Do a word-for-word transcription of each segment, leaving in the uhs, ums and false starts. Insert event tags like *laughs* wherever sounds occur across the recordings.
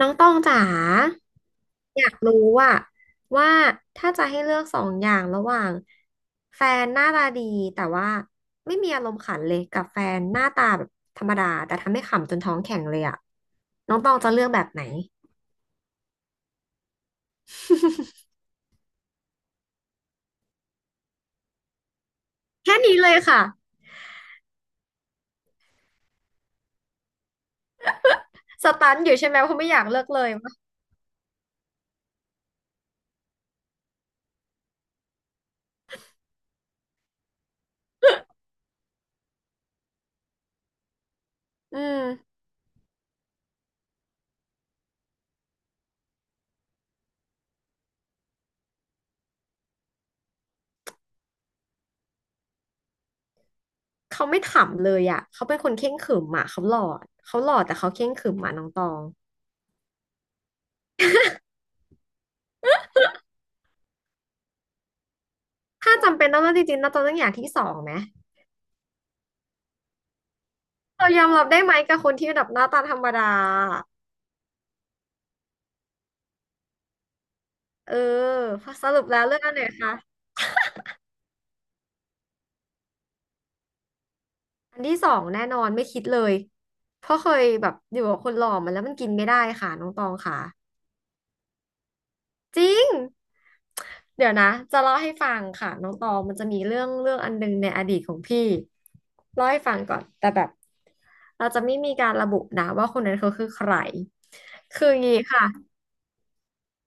น้องตองจ๋าอยากรู้ว่าว่าถ้าจะให้เลือกสองอย่างระหว่างแฟนหน้าตาดีแต่ว่าไม่มีอารมณ์ขันเลยกับแฟนหน้าตาแบบธรรมดาแต่ทำให้ขำจนท้องแข็งเลยอะน้องตองจะเลือกแบบไหน *laughs* แค่นี้เลยค่ะสตันอยู่ใช่ไหมเพราะไม่อยากเลือกเลยวะอืมเขาไม่ขำเลยอะเขาเป็นคนเคร่งขรึมอะเขาหล่อเขาหล่อแต่เขาเคร่งขรึมอะน้องตองถ้าจำเป็นต้องเลือกจริงๆน้องตองต้องอย่างที่สองไหม เรายอมรับได้ไหมกับคนที่แบบหน้าตาธรรมดาเออสรุปแล้วเรื่องอันไหนคะอันที่สองแน่นอนไม่คิดเลยเพราะเคยแบบอยู่กับคนหล่อมาแล้วมันกินไม่ได้ค่ะน้องตองค่ะจริงเดี๋ยวนะจะเล่าให้ฟังค่ะน้องตองมันจะมีเรื่องเรื่องอันหนึงในอดีตของพี่เล่าให้ฟังก่อนแต่แบบเราจะไม่มีการระบุนะว่าคนนั้นเขาคือใครคืออย่างนี้ค่ะ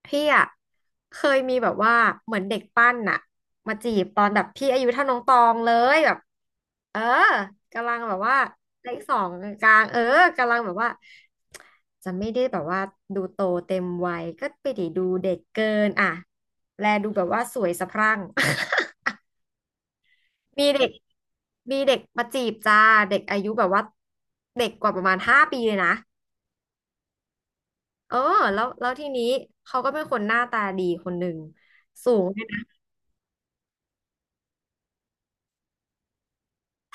พี่อะเคยมีแบบว่าเหมือนเด็กปั้นน่ะมาจีบตอนแบบพี่อายุเท่าน้องตองเลยแบบเออกำลังแบบว่าเลขสองกลางๆเออกำลังแบบว่าจะไม่ได้แบบว่าดูโตเต็มวัยก็ไปดีดูเด็กเกินอ่ะแลดูแบบว่าสวยสะพรั่ง *laughs* มีเด็กมีเด็กมาจีบจ้าเด็กอายุแบบว่าเด็กกว่าประมาณห้าปีเลยนะเออแล้วแล้วทีนี้เขาก็เป็นคนหน้าตาดีคนหนึ่งสูง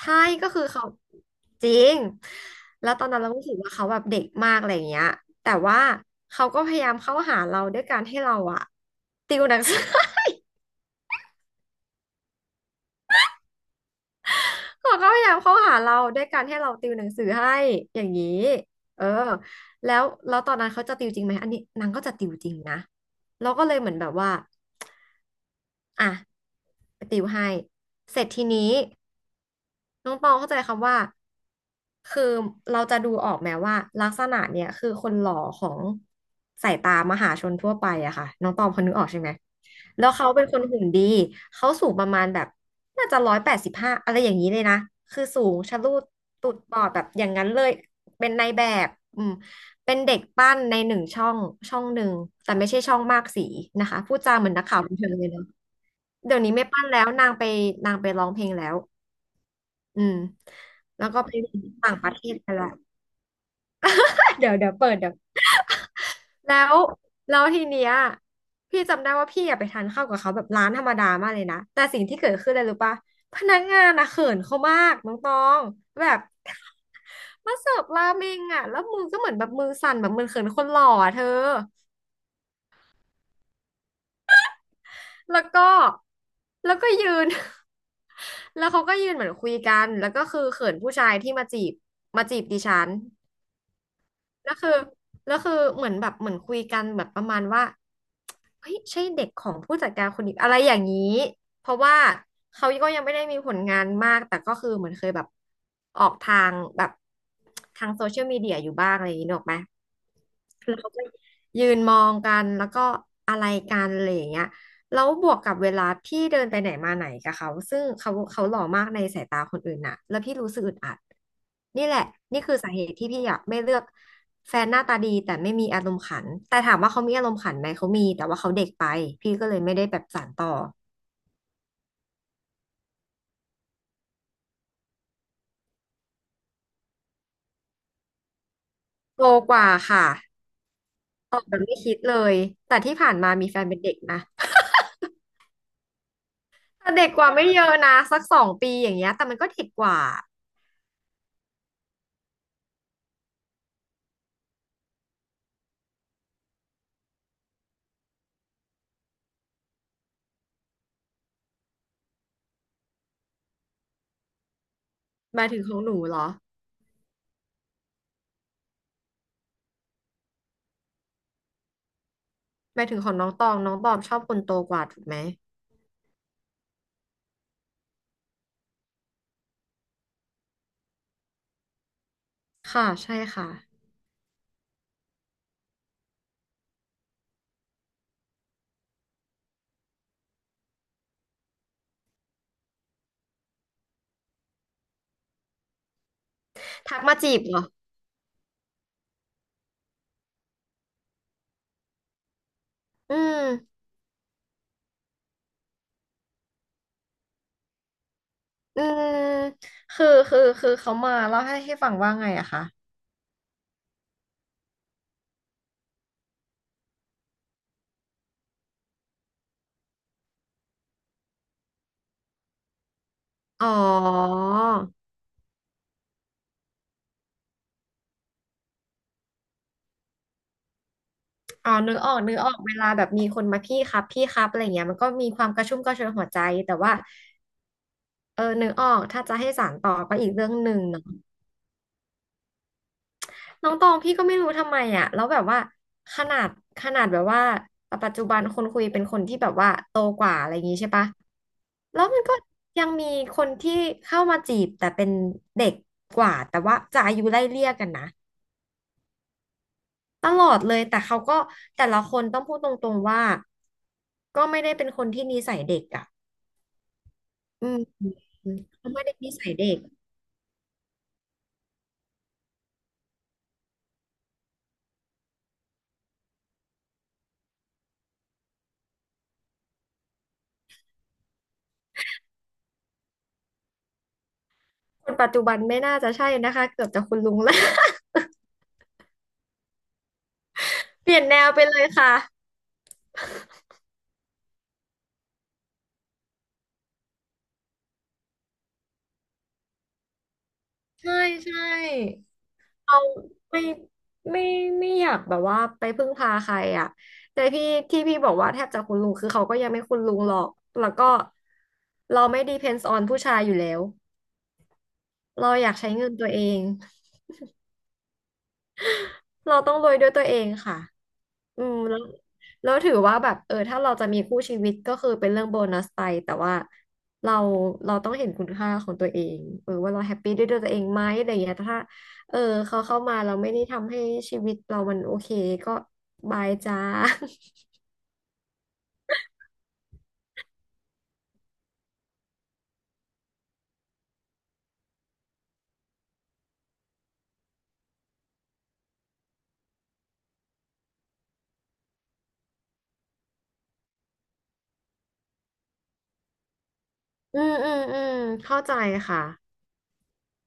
ใช่ก็คือเขาจริงแล้วตอนนั้นเราก็รู้สึกว่าเขาแบบเด็กมากอะไรอย่างเงี้ยแต่ว่าเขาก็พยายามเข้าหาเราด้วยการให้เราอะติวหนังสือ *laughs* เขาก็พยายามเข้าหาเราด้วยการให้เราติวหนังสือให้อย่างนี้เออแล้วแล้วตอนนั้นเขาจะติวจริงไหมอันนี้นางก็จะติวจริงนะเราก็เลยเหมือนแบบว่าอ่ะไปติวให้เสร็จทีนี้ น้องตองเข้าใจคำว่าคือเราจะดูออกไหมว่าลักษณะเนี่ยคือคนหล่อของสายตามหาชนทั่วไปอะค่ะน้องตองพอนึกออกใช่ไหมแล้วเขาเป็นคนหุ่นดีเขาสูงประมาณแบบน่าจะร้อยแปดสิบห้าอะไรอย่างนี้เลยนะคือสูงชะลูดตุดบอดแบบอย่างนั้นเลยเป็นนายแบบอืมเป็นเด็กปั้นในหนึ่งช่องช่องหนึ่งแต่ไม่ใช่ช่องมากสีนะคะพูดจาเหมือนนักข่าวบันเทิงเลยเนาะเดี๋ยวนี้ไม่ปั้นแล้วนางไปนางไปร้องเพลงแล้ว อืมแล้วก็ไปเรียนต่างประเทศไปแล้ว *laughs* เดี๋ยวเดี๋ยวเปิดเดี๋ยวแล้วแล้วทีเนี้ยพี่จำได้ว่าพี่อยากไปทานข้าวกับเขาแบบร้านธรรมดามากเลยนะแต่สิ่งที่เกิดขึ้นเลยรู้ปะพนักงานอะเขินเขามากน้องตองแบบ *laughs* มาเสิร์ฟราเมงอะแล้วมือก็เหมือนแบบมือสั่นแบบมือเขินคนหล่ออะเธอแล้วก็แล้วก็ยืน *laughs* แล้วเขาก็ยืนเหมือนคุยกันแล้วก็คือเขินผู้ชายที่มาจีบมาจีบดิฉัน แล้วคือแล้วคือเหมือนแบบเหมือนคุยกันแบบประมาณว่าเฮ้ยใช่เด็กของผู้จัดการคนนี้อะไรอย่างนี้เพราะว่าเขาก็ยังไม่ได้มีผลงานมากแต่ก็คือเหมือนเคยแบบออกทางแบบทางโซเชียลมีเดียอยู่บ้างอะไรอย่างนี้นึกออกไหม เราก็ยืนมองกันแล้วก็อะไรกันอะไรอย่างเงี้ยแล้วบวกกับเวลาพี่เดินไปไหนมาไหนกับเขาซึ่งเขาเขาหล่อมากในสายตาคนอื่นน่ะแล้วพี่รู้สึกอึดอัดนี่แหละนี่คือสาเหตุที่พี่อยากไม่เลือกแฟนหน้าตาดีแต่ไม่มีอารมณ์ขันแต่ถามว่าเขามีอารมณ์ขันไหมเขามีแต่ว่าเขาเด็กไปพี่ก็เลยไม่ได้แบบสานต่อโตกว่าค่ะตอบแบบไม่คิดเลยแต่ที่ผ่านมามีแฟนเป็นเด็กนะแต่เด็กกว่าไม่เยอะนะสักสองปีอย่างเงี้ยแต่มันก็เด็กกว่าหมายถึงของหนูเหรอ ไปถึงของน้องตองน้องตองชอบคนโตกว่าถูกไหม ค่ะใช่ค่ะทักมาจีบเหรอ อืมอืมคือคือคือเขามาเล่าให้ให้ฟังว่าไงอะคะอ๋ออ๋อนึกออกนึกออกเวลาแบบมีคนมาพี่ครับพี่ครับอะไรเงี้ยมันก็มีความกระชุ่มกระชวยหัวใจแต่ว่าเออนึกออกถ้าจะให้สานต่อก็อีกเรื่องหนึ่งเนาะ น้องตองพี่ก็ไม่รู้ทำไมอ่ะแล้วแบบว่าขนาดขนาดแบบว่าปัจจุบันคนคุยเป็นคนที่แบบว่าโตกว่าอะไรอย่างงี้ใช่ปะแล้วมันก็ยังมีคนที่เข้ามาจีบแต่เป็นเด็กกว่าแต่ว่าจะอายุไล่เลี่ยกันนะตลอดเลยแต่เขาก็แต่ละคนต้องพูดตรงๆว่าก็ไม่ได้เป็นคนที่นิสัยเด็กอ่ะอืมเขาไม่ได้นิสัยเด็กคนปัจจุบันไม่น่าจะใช่นะคะเกือบจะคุณลุงแล้ว *laughs* เปลี่ยนแนวไปเลยค่ะใช่ใช่ เราไม่ไม่ไม่อยากแบบว่าไปพึ่งพาใครอ่ะแต่พี่ที่พี่บอกว่าแทบจะคุณลุงคือเขาก็ยังไม่คุณลุงหรอกแล้วก็เราไม่ depends on ผู้ชายอยู่แล้วเราอยากใช้เงินตัวเอง เราต้องโวยด้วยตัวเองค่ะอืมแล้วแล้วถือว่าแบบเออถ้าเราจะมีคู่ชีวิตก็คือเป็นเรื่องโบนัสไปแต่ว่าเราเราต้องเห็นคุณค่าของตัวเองเออว่าเราแฮปปี้ด้วยตัวเองไหมอะไรอย่างเงี้ยถ้าเออเขาเข้ามาเราไม่ได้ทำให้ชีวิตเรามันโอเคก็บายจ้า *laughs* อืมอืมอืมเข้าใจค่ะ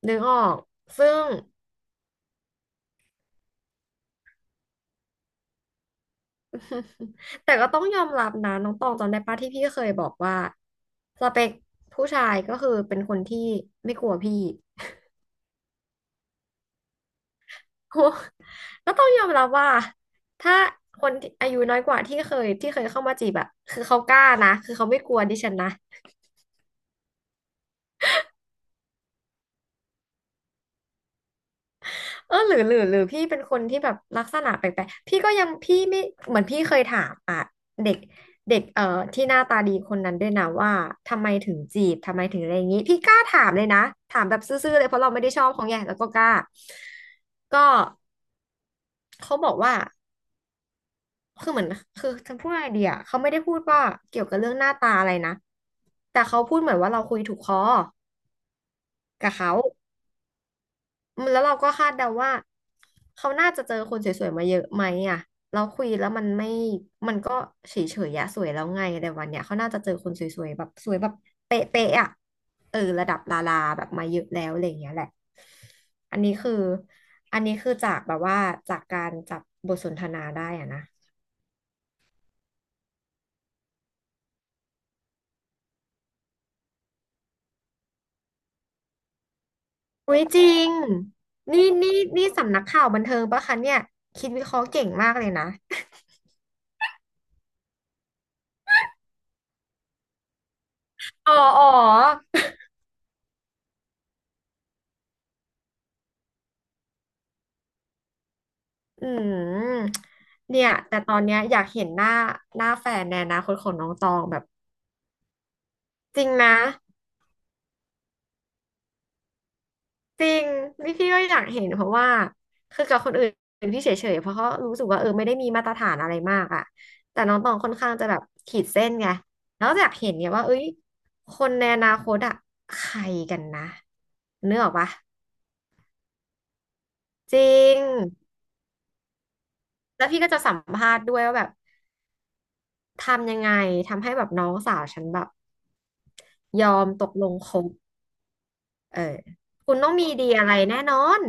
นึกออก ซึ่ง *laughs* แต่ก็ต้องยอมรับนะน้องตองจำได้ปะที่พี่เคยบอกว่าสเปคผู้ชายก็คือเป็นคนที่ไม่กลัวพี่ *laughs* โอ้ก็ต้องยอมรับว่าถ้าคนที่อายุน้อยกว่าที่เคยที่เคยเข้ามาจีบอะคือเขากล้านะคือเขาไม่กลัวดิฉันนะ เออหรือหรือหรือพี่เป็นคนที่แบบลักษณะแปลกๆพี่ก็ยังพี่ไม่เหมือนพี่เคยถามอ่ะเด็กเด็กเอ่อที่หน้าตาดีคนนั้นด้วยนะว่าทำไมถึงจีบทำไมถึงอะไรอย่างนี้พี่กล้าถามเลยนะถามแบบซื่อๆเลยเพราะเราไม่ได้ชอบเขาไงแล้วก็กล้าก็เขาบอกว่าคือเหมือนคือจะพูดไอเดียเขาไม่ได้พูดว่าเกี่ยวกับเรื่องหน้าตาอะไรนะแต่เขาพูดเหมือนว่าเราคุยถูกคอกับเขา แล้วเราก็คาดเดาว่าเขาน่าจะเจอคนสวยๆมาเยอะไหมอ่ะเราคุยแล้วมันไม่มันก็เฉยๆอะสวยแล้วไงแต่วันเนี้ยเขาน่าจะเจอคนสวยๆแบบสวยแบบเป๊ะๆอ่ะเออระดับดาราแบบมาเยอะแล้วอะไรอย่างเงี้ยแหละอันนี้คืออันนี้คือจากแบบว่าจากการจับบทสนทนาได้อ่ะนะอุ้ยจริงนี่นี่นี่สำนักข่าวบันเทิงปะคะเนี่ยคิดวิเคราะห์เก่งมากเลยนะอ๋ออ๋อ อืมเนี่ยแต่ตอนเนี้ยอยากเห็นหน้าหน้าแฟนในอนาคตของน้องตองแบบจริงนะจริงนี่พี่ก็อยากเห็นเพราะว่าคือกับคนอื่นพี่เฉยๆเพราะเขารู้สึกว่าเออไม่ได้มีมาตรฐานอะไรมากอะแต่น้องตองค่อนข้างจะแบบขีดเส้นไงแล้วอยากเห็นเนี่ยว่าเอ้ยคนในอนาคตอะใครกันนะเนื้อออกปะจริงแล้วพี่ก็จะสัมภาษณ์ด้วยว่าแบบทำยังไงทำให้แบบน้องสาวฉันแบบยอมตกลงคบ เออคุณต้องมีดีอะไรแน่นอน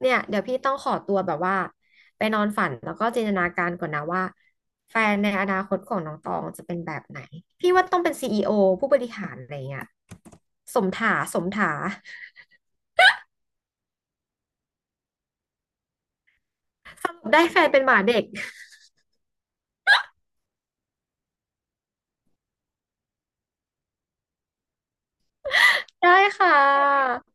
เนี่ยเดี๋ยวพี่ต้องขอตัวแบบว่าไปนอนฝันแล้วก็จินตนาการก่อนนะว่าแฟนในอนาคตของน้องตองจะเป็นแบบไหน พี่ว่าต้องเป็นซีอีโอผู้บริหารอะไรเงี้ยสมถาสมถาสรุปได้แฟนเป็นหมาเด็ก *laughs* ได้ค่ะ